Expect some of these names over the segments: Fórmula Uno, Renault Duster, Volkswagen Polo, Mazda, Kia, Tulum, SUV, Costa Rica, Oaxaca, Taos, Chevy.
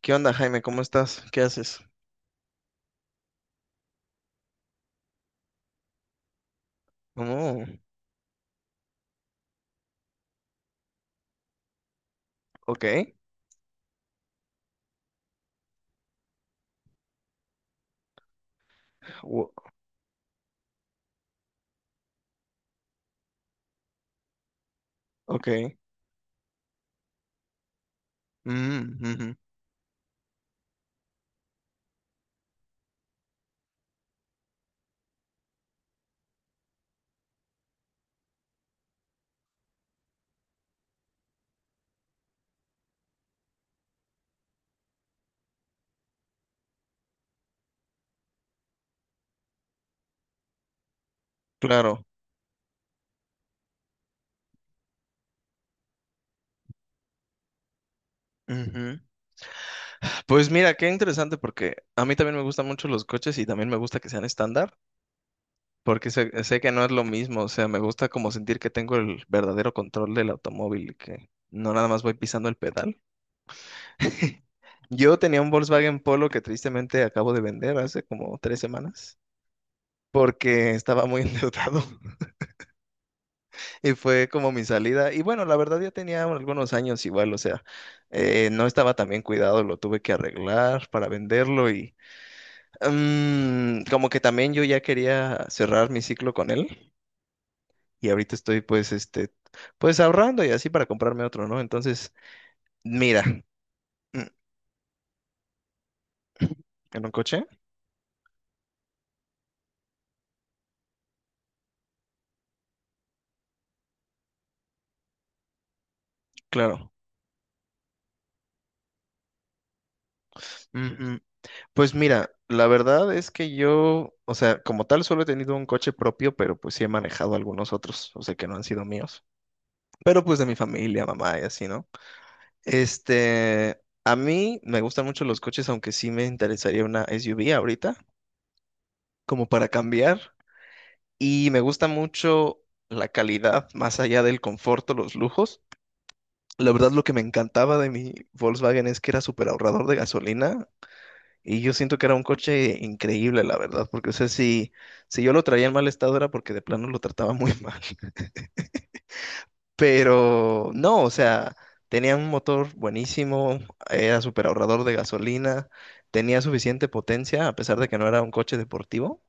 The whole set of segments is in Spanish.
¿Qué onda, Jaime? ¿Cómo estás? ¿Qué haces? Oh, ok. wo- ok. Mm, ujú. Claro. Ujú. Pues mira, qué interesante porque a mí también me gustan mucho los coches y también me gusta que sean estándar, porque sé que no es lo mismo, o sea, me gusta como sentir que tengo el verdadero control del automóvil y que no nada más voy pisando el pedal. Yo tenía un Volkswagen Polo que tristemente acabo de vender hace como 3 semanas porque estaba muy endeudado. Y fue como mi salida. Y bueno, la verdad ya tenía algunos años igual, o sea, no estaba tan bien cuidado, lo tuve que arreglar para venderlo y como que también yo ya quería cerrar mi ciclo con él y ahorita estoy pues este, pues ahorrando y así para comprarme otro, ¿no? Entonces, mira, mm, ¿en un coche? Claro. Mm, mm. Pues mira, la verdad es que yo, o sea, como tal solo he tenido un coche propio, pero pues sí he manejado algunos otros, o sea, que no han sido míos. Pero pues de mi familia, mamá y así, ¿no? Este, a mí me gustan mucho los coches, aunque sí me interesaría una SUV ahorita, como para cambiar. Y me gusta mucho la calidad, más allá del confort o los lujos. La verdad, lo que me encantaba de mi Volkswagen es que era súper ahorrador de gasolina. Y yo siento que era un coche increíble, la verdad, porque, o sea, si yo lo traía en mal estado era porque de plano lo trataba muy mal. Pero no, o sea, tenía un motor buenísimo, era súper ahorrador de gasolina, tenía suficiente potencia, a pesar de que no era un coche deportivo.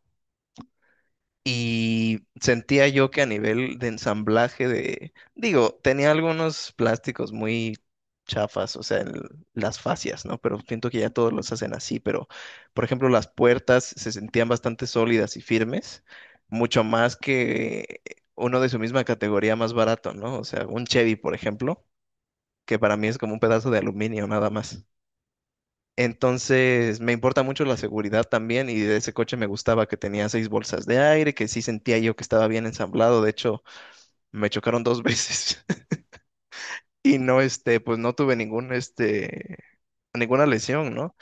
Y sentía yo que a nivel de ensamblaje de, digo, tenía algunos plásticos muy chafas, o sea, las fascias, ¿no? Pero siento que ya todos los hacen así, pero, por ejemplo, las puertas se sentían bastante sólidas y firmes, mucho más que uno de su misma categoría más barato, ¿no? O sea, un Chevy, por ejemplo, que para mí es como un pedazo de aluminio nada más. Entonces, me importa mucho la seguridad también y de ese coche me gustaba que tenía seis bolsas de aire, que sí sentía yo que estaba bien ensamblado. De hecho, me chocaron dos veces y no, este, pues no tuve ningún, este, ninguna lesión, ¿no?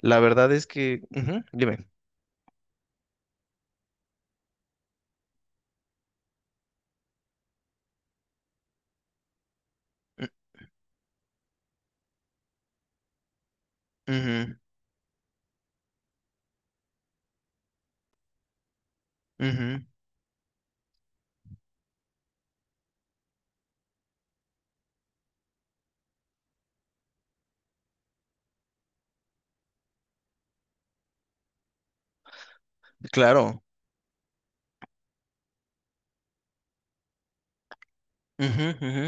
La verdad es que, ujú, dime. Ujú, ujú. Claro. Ujú, ujú.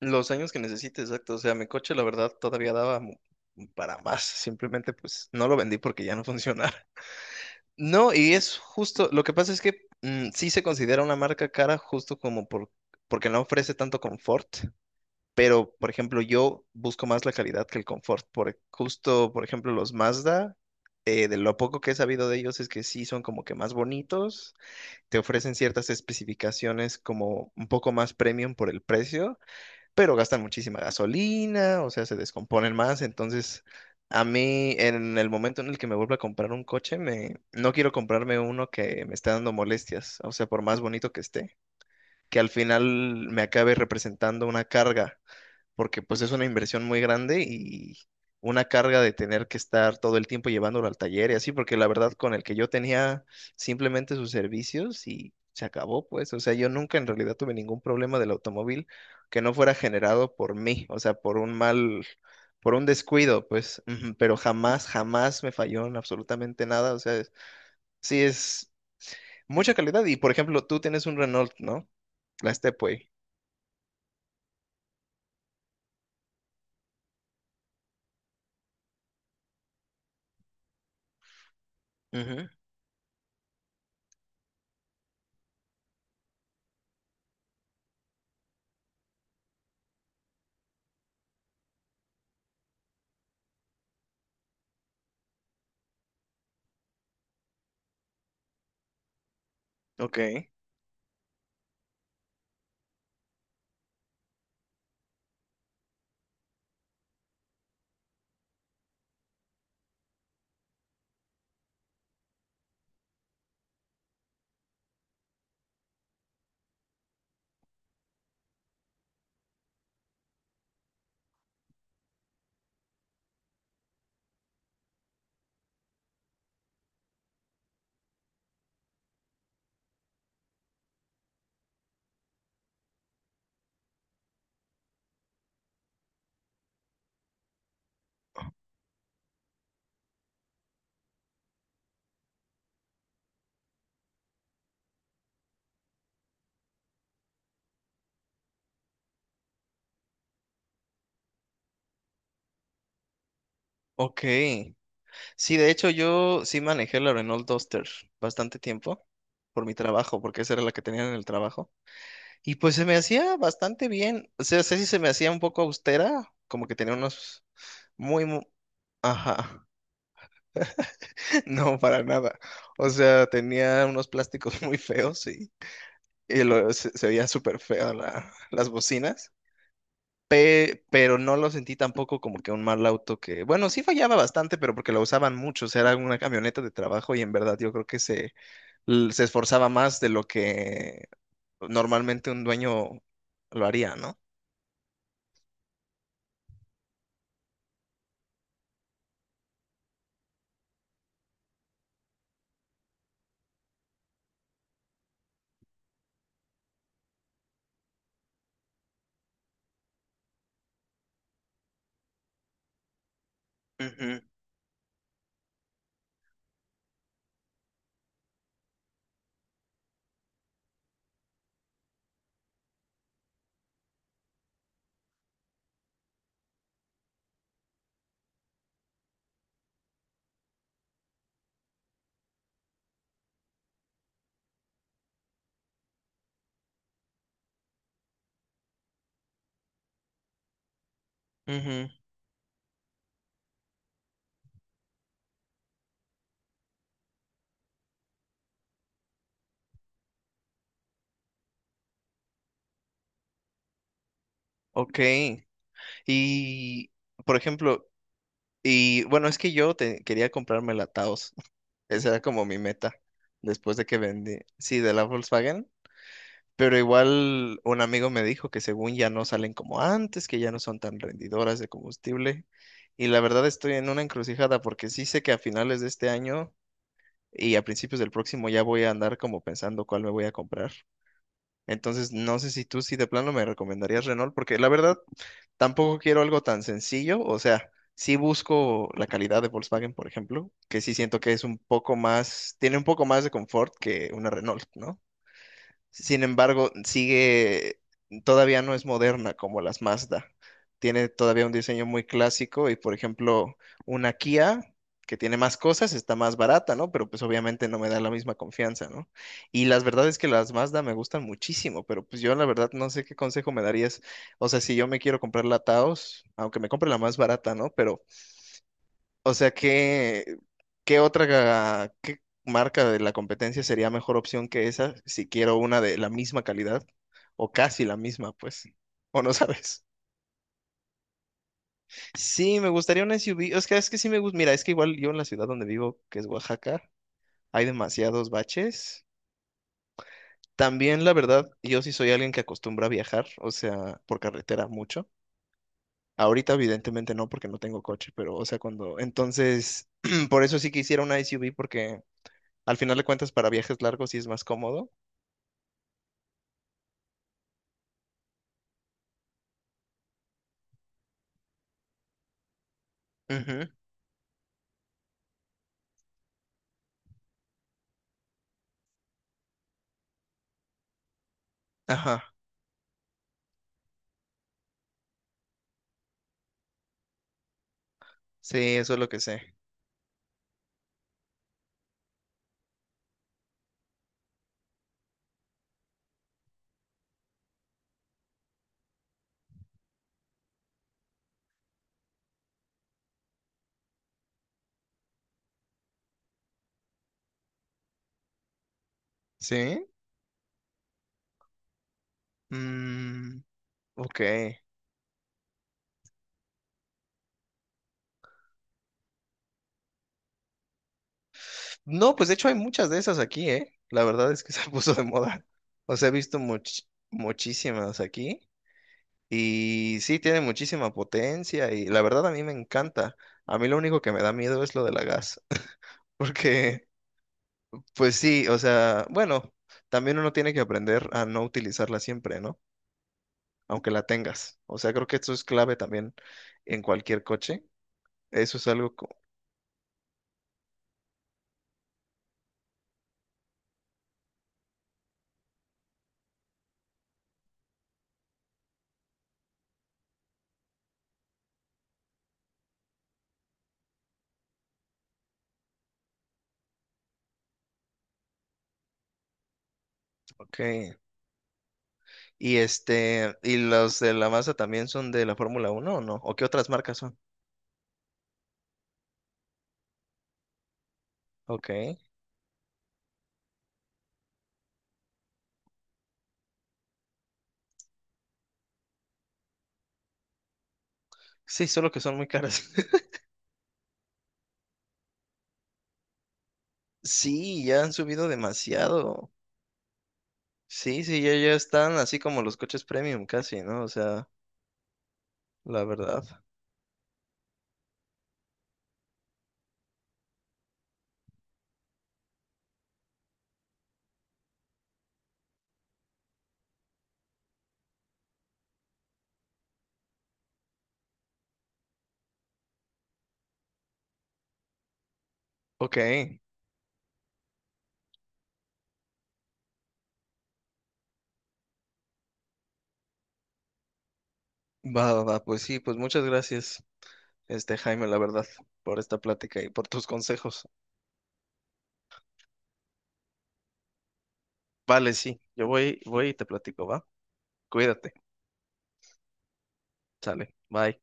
Los años que necesite, exacto. O sea, mi coche, la verdad, todavía daba para más. Simplemente, pues, no lo vendí porque ya no funcionaba. No, y es justo, lo que pasa es que sí se considera una marca cara justo como por, porque no ofrece tanto confort, pero por ejemplo yo busco más la calidad que el confort, por, justo por ejemplo los Mazda, de lo poco que he sabido de ellos es que sí son como que más bonitos, te ofrecen ciertas especificaciones como un poco más premium por el precio, pero gastan muchísima gasolina, o sea, se descomponen más, entonces a mí en el momento en el que me vuelva a comprar un coche, me no quiero comprarme uno que me esté dando molestias, o sea, por más bonito que esté, que al final me acabe representando una carga porque pues es una inversión muy grande y una carga de tener que estar todo el tiempo llevándolo al taller y así, porque la verdad con el que yo tenía simplemente sus servicios y se acabó, pues, o sea, yo nunca en realidad tuve ningún problema del automóvil que no fuera generado por mí, o sea, por un mal, por un descuido, pues, ujú, pero jamás, jamás me falló en absolutamente nada, o sea, sí es mucha calidad y, por ejemplo, tú tienes un Renault, ¿no? La Stepway. Ujú. Ok, ok. Sí, de hecho yo sí manejé la Renault Duster bastante tiempo por mi trabajo, porque esa era la que tenía en el trabajo. Y pues se me hacía bastante bien. O sea, sé si se me hacía un poco austera, como que tenía unos muy. Ajá. No, para nada. O sea, tenía unos plásticos muy feos y se veía súper feo las bocinas. Pero no lo sentí tampoco como que un mal auto que, bueno, sí fallaba bastante, pero porque lo usaban mucho, o sea, era una camioneta de trabajo y en verdad yo creo que se esforzaba más de lo que normalmente un dueño lo haría, ¿no? Ujú. Ujú. Ok. Y, por ejemplo, y bueno, es que yo quería comprarme la Taos. Esa era como mi meta después de que vendí, sí, de la Volkswagen. Pero igual un amigo me dijo que según ya no salen como antes, que ya no son tan rendidoras de combustible. Y la verdad estoy en una encrucijada porque sí sé que a finales de este año y a principios del próximo ya voy a andar como pensando cuál me voy a comprar. Entonces, no sé si tú sí de plano me recomendarías Renault, porque la verdad tampoco quiero algo tan sencillo, o sea, sí busco la calidad de Volkswagen, por ejemplo, que sí siento que es un poco más, tiene un poco más de confort que una Renault, ¿no? Sin embargo, sigue, todavía no es moderna como las Mazda. Tiene todavía un diseño muy clásico y, por ejemplo, una Kia que tiene más cosas está más barata, ¿no? Pero pues obviamente no me da la misma confianza, ¿no? Y las verdad es que las Mazda me gustan muchísimo, pero pues yo la verdad no sé qué consejo me darías. O sea, si yo me quiero comprar la Taos, aunque me compre la más barata, ¿no? Pero o sea, ¿qué, qué otra qué marca de la competencia sería mejor opción que esa si quiero una de la misma calidad o casi la misma, pues? ¿O no sabes? Sí, me gustaría una SUV. Es que sí me gusta. Mira, es que igual yo en la ciudad donde vivo, que es Oaxaca, hay demasiados baches. También, la verdad, yo sí soy alguien que acostumbra a viajar, o sea, por carretera mucho. Ahorita, evidentemente, no, porque no tengo coche, pero, o sea, cuando. Entonces, por eso sí quisiera una SUV, porque al final de cuentas, para viajes largos sí es más cómodo. Ujú. Ajá, sí, eso es lo que sé. ¿Sí? Mm, ok. No, pues de hecho hay muchas de esas aquí, ¿eh? La verdad es que se puso de moda. O sea, he visto muchísimas aquí y sí, tiene muchísima potencia y la verdad a mí me encanta. A mí lo único que me da miedo es lo de la gas, porque pues sí, o sea, bueno, también uno tiene que aprender a no utilizarla siempre, ¿no? Aunque la tengas. O sea, creo que eso es clave también en cualquier coche. Eso es algo ok. Y este, ¿y los de la masa también son de la Fórmula Uno o no? ¿O qué otras marcas son? Ok. Sí, solo que son muy caras. Sí, ya han subido demasiado. Sí, sí, ya, ya están así como los coches premium casi, ¿no? O sea, la verdad. Ok, va, va, va, pues sí, pues muchas gracias, este Jaime, la verdad, por esta plática y por tus consejos. Vale, sí, yo voy, voy y te platico, ¿va? Cuídate. Sale. Bye.